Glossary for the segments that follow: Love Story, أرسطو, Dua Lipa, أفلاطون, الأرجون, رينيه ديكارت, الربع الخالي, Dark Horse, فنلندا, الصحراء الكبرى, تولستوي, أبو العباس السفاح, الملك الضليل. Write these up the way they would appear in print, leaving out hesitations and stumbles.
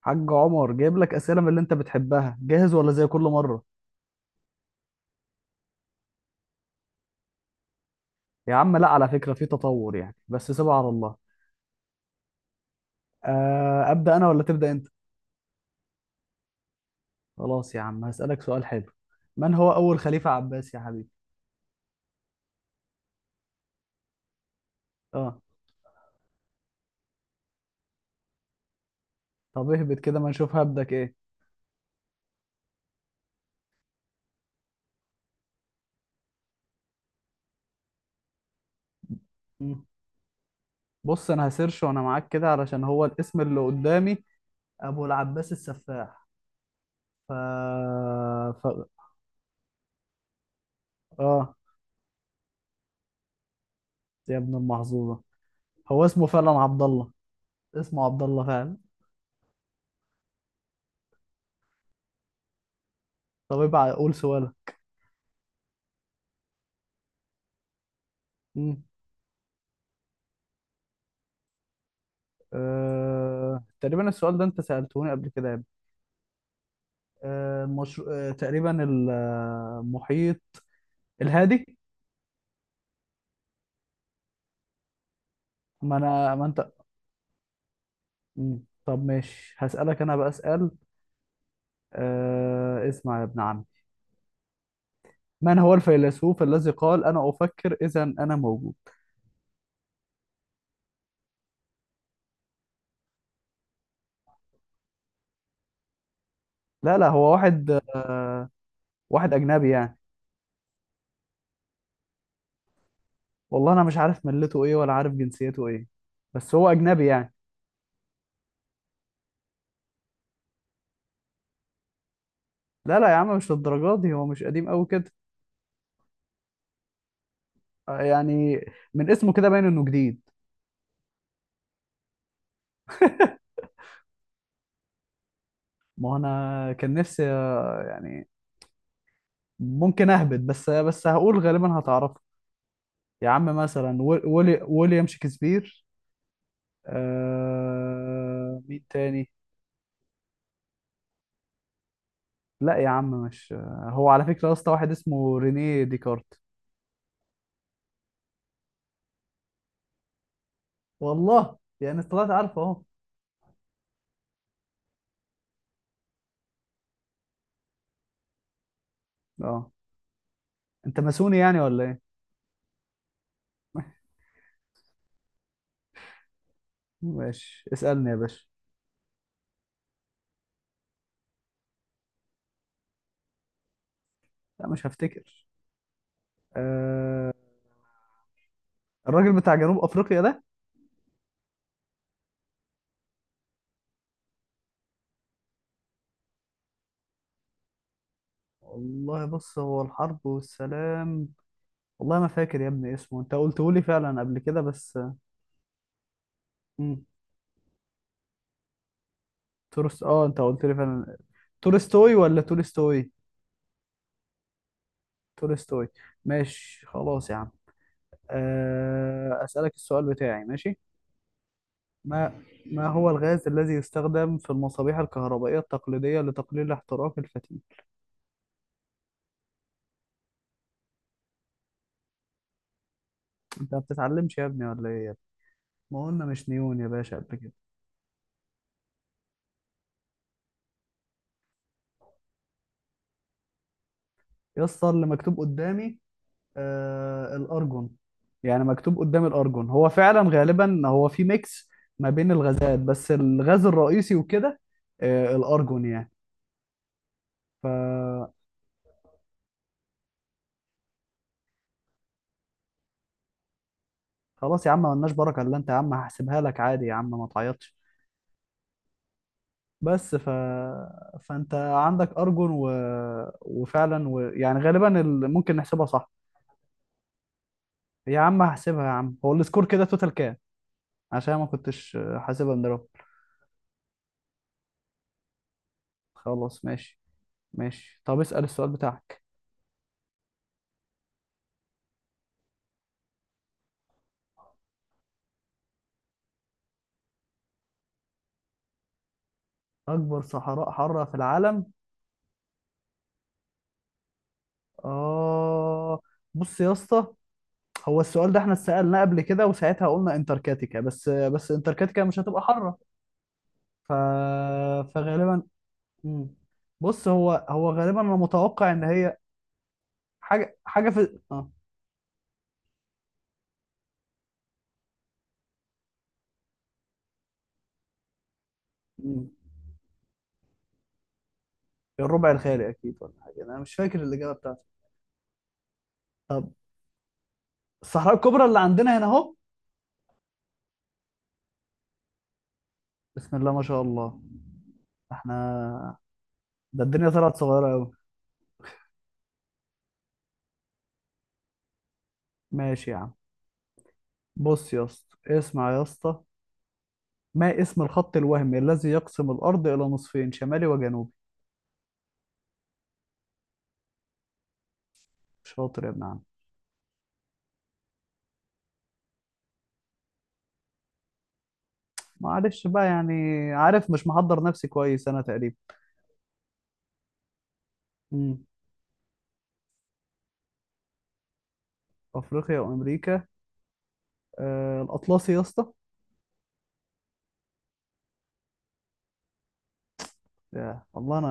حاج عمر جايب لك اسئله من اللي انت بتحبها، جاهز ولا زي كل مره؟ يا عم لا، على فكره في تطور يعني، بس سيبها على الله. آه، ابدا انا ولا تبدا انت؟ خلاص يا عم، هسالك سؤال حلو. من هو اول خليفه عباسي يا حبيبي؟ اه. طب اهبط كده، ما نشوف هبدك ايه. مم. بص، انا هسيرش وانا معاك كده، علشان هو الاسم اللي قدامي ابو العباس السفاح. ف... ف... اه. يا ابن المحظوظه، هو اسمه فعلا عبد الله. اسمه عبد الله فعلا. طب ابقى قول سؤالك. مم. تقريبا السؤال ده انت سألتهوني قبل كده يا ابني. أه... مش... أه... تقريبا المحيط الهادي. ما انا ما انت. مم. طب ماشي، هسألك انا بقى اسأل. اسمع يا ابن عمي، من هو الفيلسوف الذي قال انا افكر اذا انا موجود؟ لا، لا، هو واحد. واحد اجنبي يعني. والله انا مش عارف ملته ايه ولا عارف جنسيته ايه، بس هو اجنبي يعني. لا، لا يا عم، مش للدرجه دي، هو مش قديم قوي كده. آه، يعني من اسمه كده باين انه جديد. ما هو انا كان نفسي يعني ممكن اهبط، بس هقول غالبا هتعرفه. يا عم مثلا ويليام شكسبير. مين تاني؟ لا يا عم، مش هو على فكرة اصلا واحد اسمه رينيه ديكارت. والله يعني طلعت عارفه اهو. اه. انت ماسوني يعني ولا ايه؟ ماشي، اسألني يا باشا. لا، مش هفتكر. الراجل بتاع جنوب افريقيا ده. والله بص، هو الحرب والسلام. والله ما فاكر يا ابني اسمه، انت قلته لي فعلا قبل كده بس. مم. تورست، اه انت قلت لي فعلا. تولستوي ولا تولستوي؟ تولستوي. ماشي خلاص يا عم. أسألك السؤال بتاعي ماشي. ما هو الغاز الذي يستخدم في المصابيح الكهربائية التقليدية لتقليل احتراق الفتيل؟ انت ما بتتعلمش يا ابني ولا ايه يا ابني؟ ما قلنا مش نيون يا باشا قبل كده؟ يا اسطى، اللي مكتوب قدامي الأرجون، يعني مكتوب قدامي الأرجون، هو فعلا غالبا هو في ميكس ما بين الغازات، بس الغاز الرئيسي وكده الأرجون يعني. ف خلاص يا عم، ملناش بركه الا انت يا عم، هحسبها لك عادي يا عم، ما تعيطش. بس. فانت عندك ارجون وفعلا يعني غالبا ممكن نحسبها صح. يا عم هحسبها، يا عم هو السكور كده توتال كام؟ عشان ما كنتش حاسبها من دلوقتي. خلاص، ماشي. ماشي، طب اسأل السؤال بتاعك. اكبر صحراء حاره في العالم. اه، بص يا اسطى، هو السؤال ده احنا اتسألناه قبل كده وساعتها قلنا انتاركتيكا، بس انتاركتيكا مش هتبقى حاره. ف... فغالبا. مم. بص هو غالبا انا متوقع ان هي حاجه حاجه في اه مم. الربع الخالي اكيد، ولا حاجه، انا مش فاكر الاجابه بتاعته. طب، الصحراء الكبرى اللي عندنا هنا اهو. بسم الله ما شاء الله. احنا، ده الدنيا طلعت صغيره قوي. ماشي يا عم. بص يا اسطى، اسمع يا اسطى، ما اسم الخط الوهمي الذي يقسم الارض الى نصفين شمالي وجنوبي؟ شاطر يا ابن عم. معلش بقى يعني، عارف مش محضر نفسي كويس انا تقريبا. امم افريقيا وامريكا. الاطلسي يا اسطى. يا والله انا،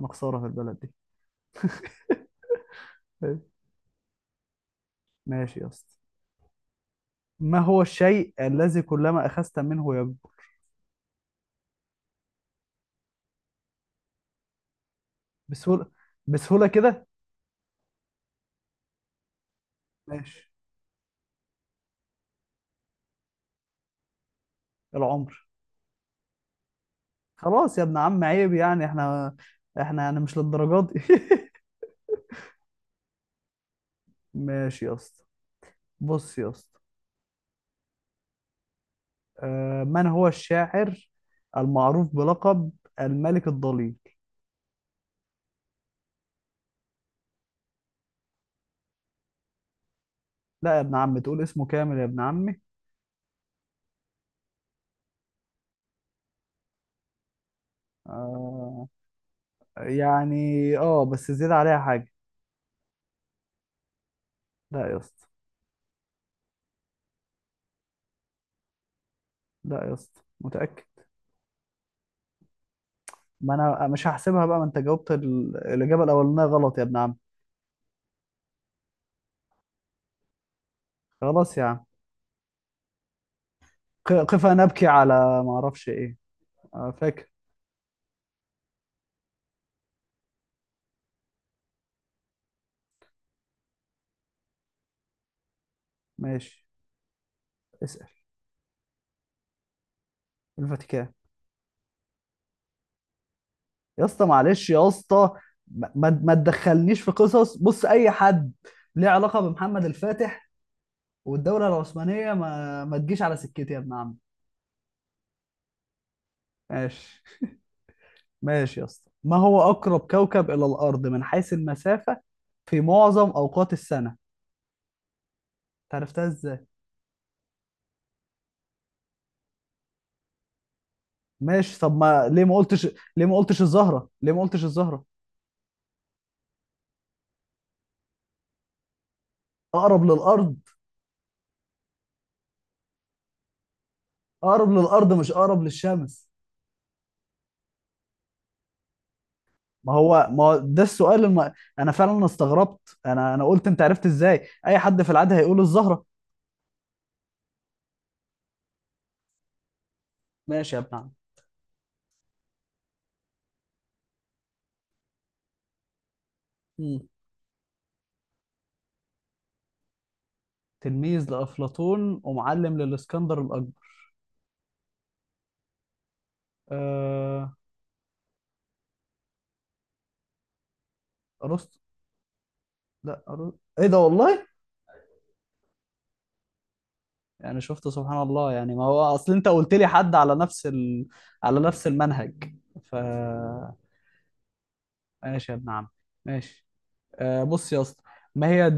انا خساره في البلد دي. أيوة. ماشي يا اسطى، ما هو الشيء الذي كلما اخذت منه يكبر؟ بسهوله، بسهوله كده. ماشي. العمر. خلاص يا ابن عم، عيب يعني احنا، احنا يعني مش للدرجات دي. ماشي يا اسطى، بص يا اسطى. من هو الشاعر المعروف بلقب الملك الضليل؟ لا يا ابن عم، تقول اسمه كامل يا ابن عمي. آه، يعني بس زيادة عليها حاجة. لا يا اسطى. لا يا اسطى متأكد. ما انا مش هحسبها بقى، ما انت جاوبت الاجابه الاولانيه غلط يا ابن عم. خلاص يا عم، قف نبكي على، ما اعرفش ايه. آه، فاكر. ماشي، اسال. الفاتيكان. يا اسطى معلش يا اسطى، ما تدخلنيش في قصص، بص، اي حد ليه علاقه بمحمد الفاتح والدوله العثمانيه، ما تجيش على سكتي يا ابن عم. ماشي. ماشي يا اسطى، ما هو اقرب كوكب الى الارض من حيث المسافه في معظم اوقات السنه؟ انت عرفتها؟ ماشي طب، ما ليه ما قلتش؟ ليه ما قلتش الزهرة، ليه ما قلتش الزهرة؟ اقرب للارض. اقرب للارض مش اقرب للشمس. ما هو ده السؤال. انا فعلا استغربت، انا قلت انت عرفت ازاي، اي حد في العاده هيقول الزهرة. ماشي يا ابن عم. مم. تلميذ لافلاطون ومعلم للاسكندر الاكبر. آه... ارسطو. لا أرسطو. ايه ده والله. يعني شفت سبحان الله، يعني ما هو اصل انت قلت لي حد على نفس على نفس المنهج. ف ماشي يا ابن عم، ماشي. بص يا اسطى. ما هي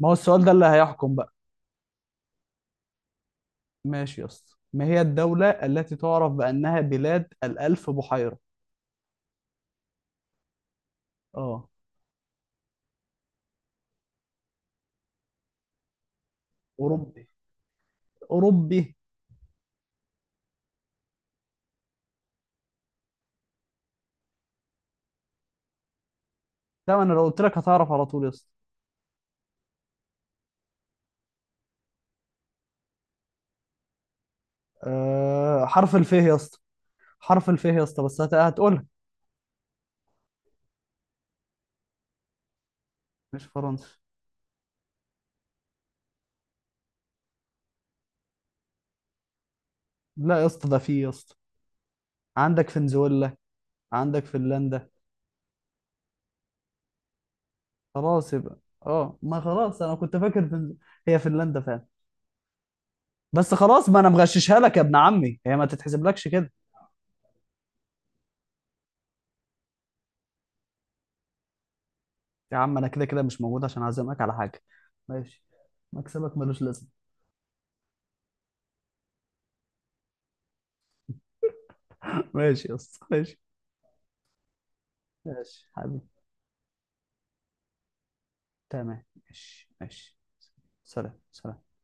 ما هو السؤال ده اللي هيحكم بقى؟ ماشي يا اسطى، ما هي الدولة التي تعرف بأنها بلاد الألف بحيرة؟ اه. أوروبي، أوروبي. ده أنا لو قلت لك هتعرف على طول يا اسطى. حرف الف يا اسطى، حرف الف يا اسطى، بس هتقولها. مش فرنسا. لا يا اسطى، ده في يا اسطى. عندك فنزويلا، عندك فنلندا. خلاص يبقى. اه، ما خلاص انا كنت فاكر. هي فنلندا فعلا. بس خلاص، ما انا مغششها لك يا ابن عمي، هي ما تتحسبلكش كده. يا عم، انا كده كده مش موجود عشان اعزمك على حاجه. ماشي. مكسبك ملوش لازمه. ماشي يا اسطى ماشي. ماشي حبيبي. تمام، ماشي ماشي. سلام سلام.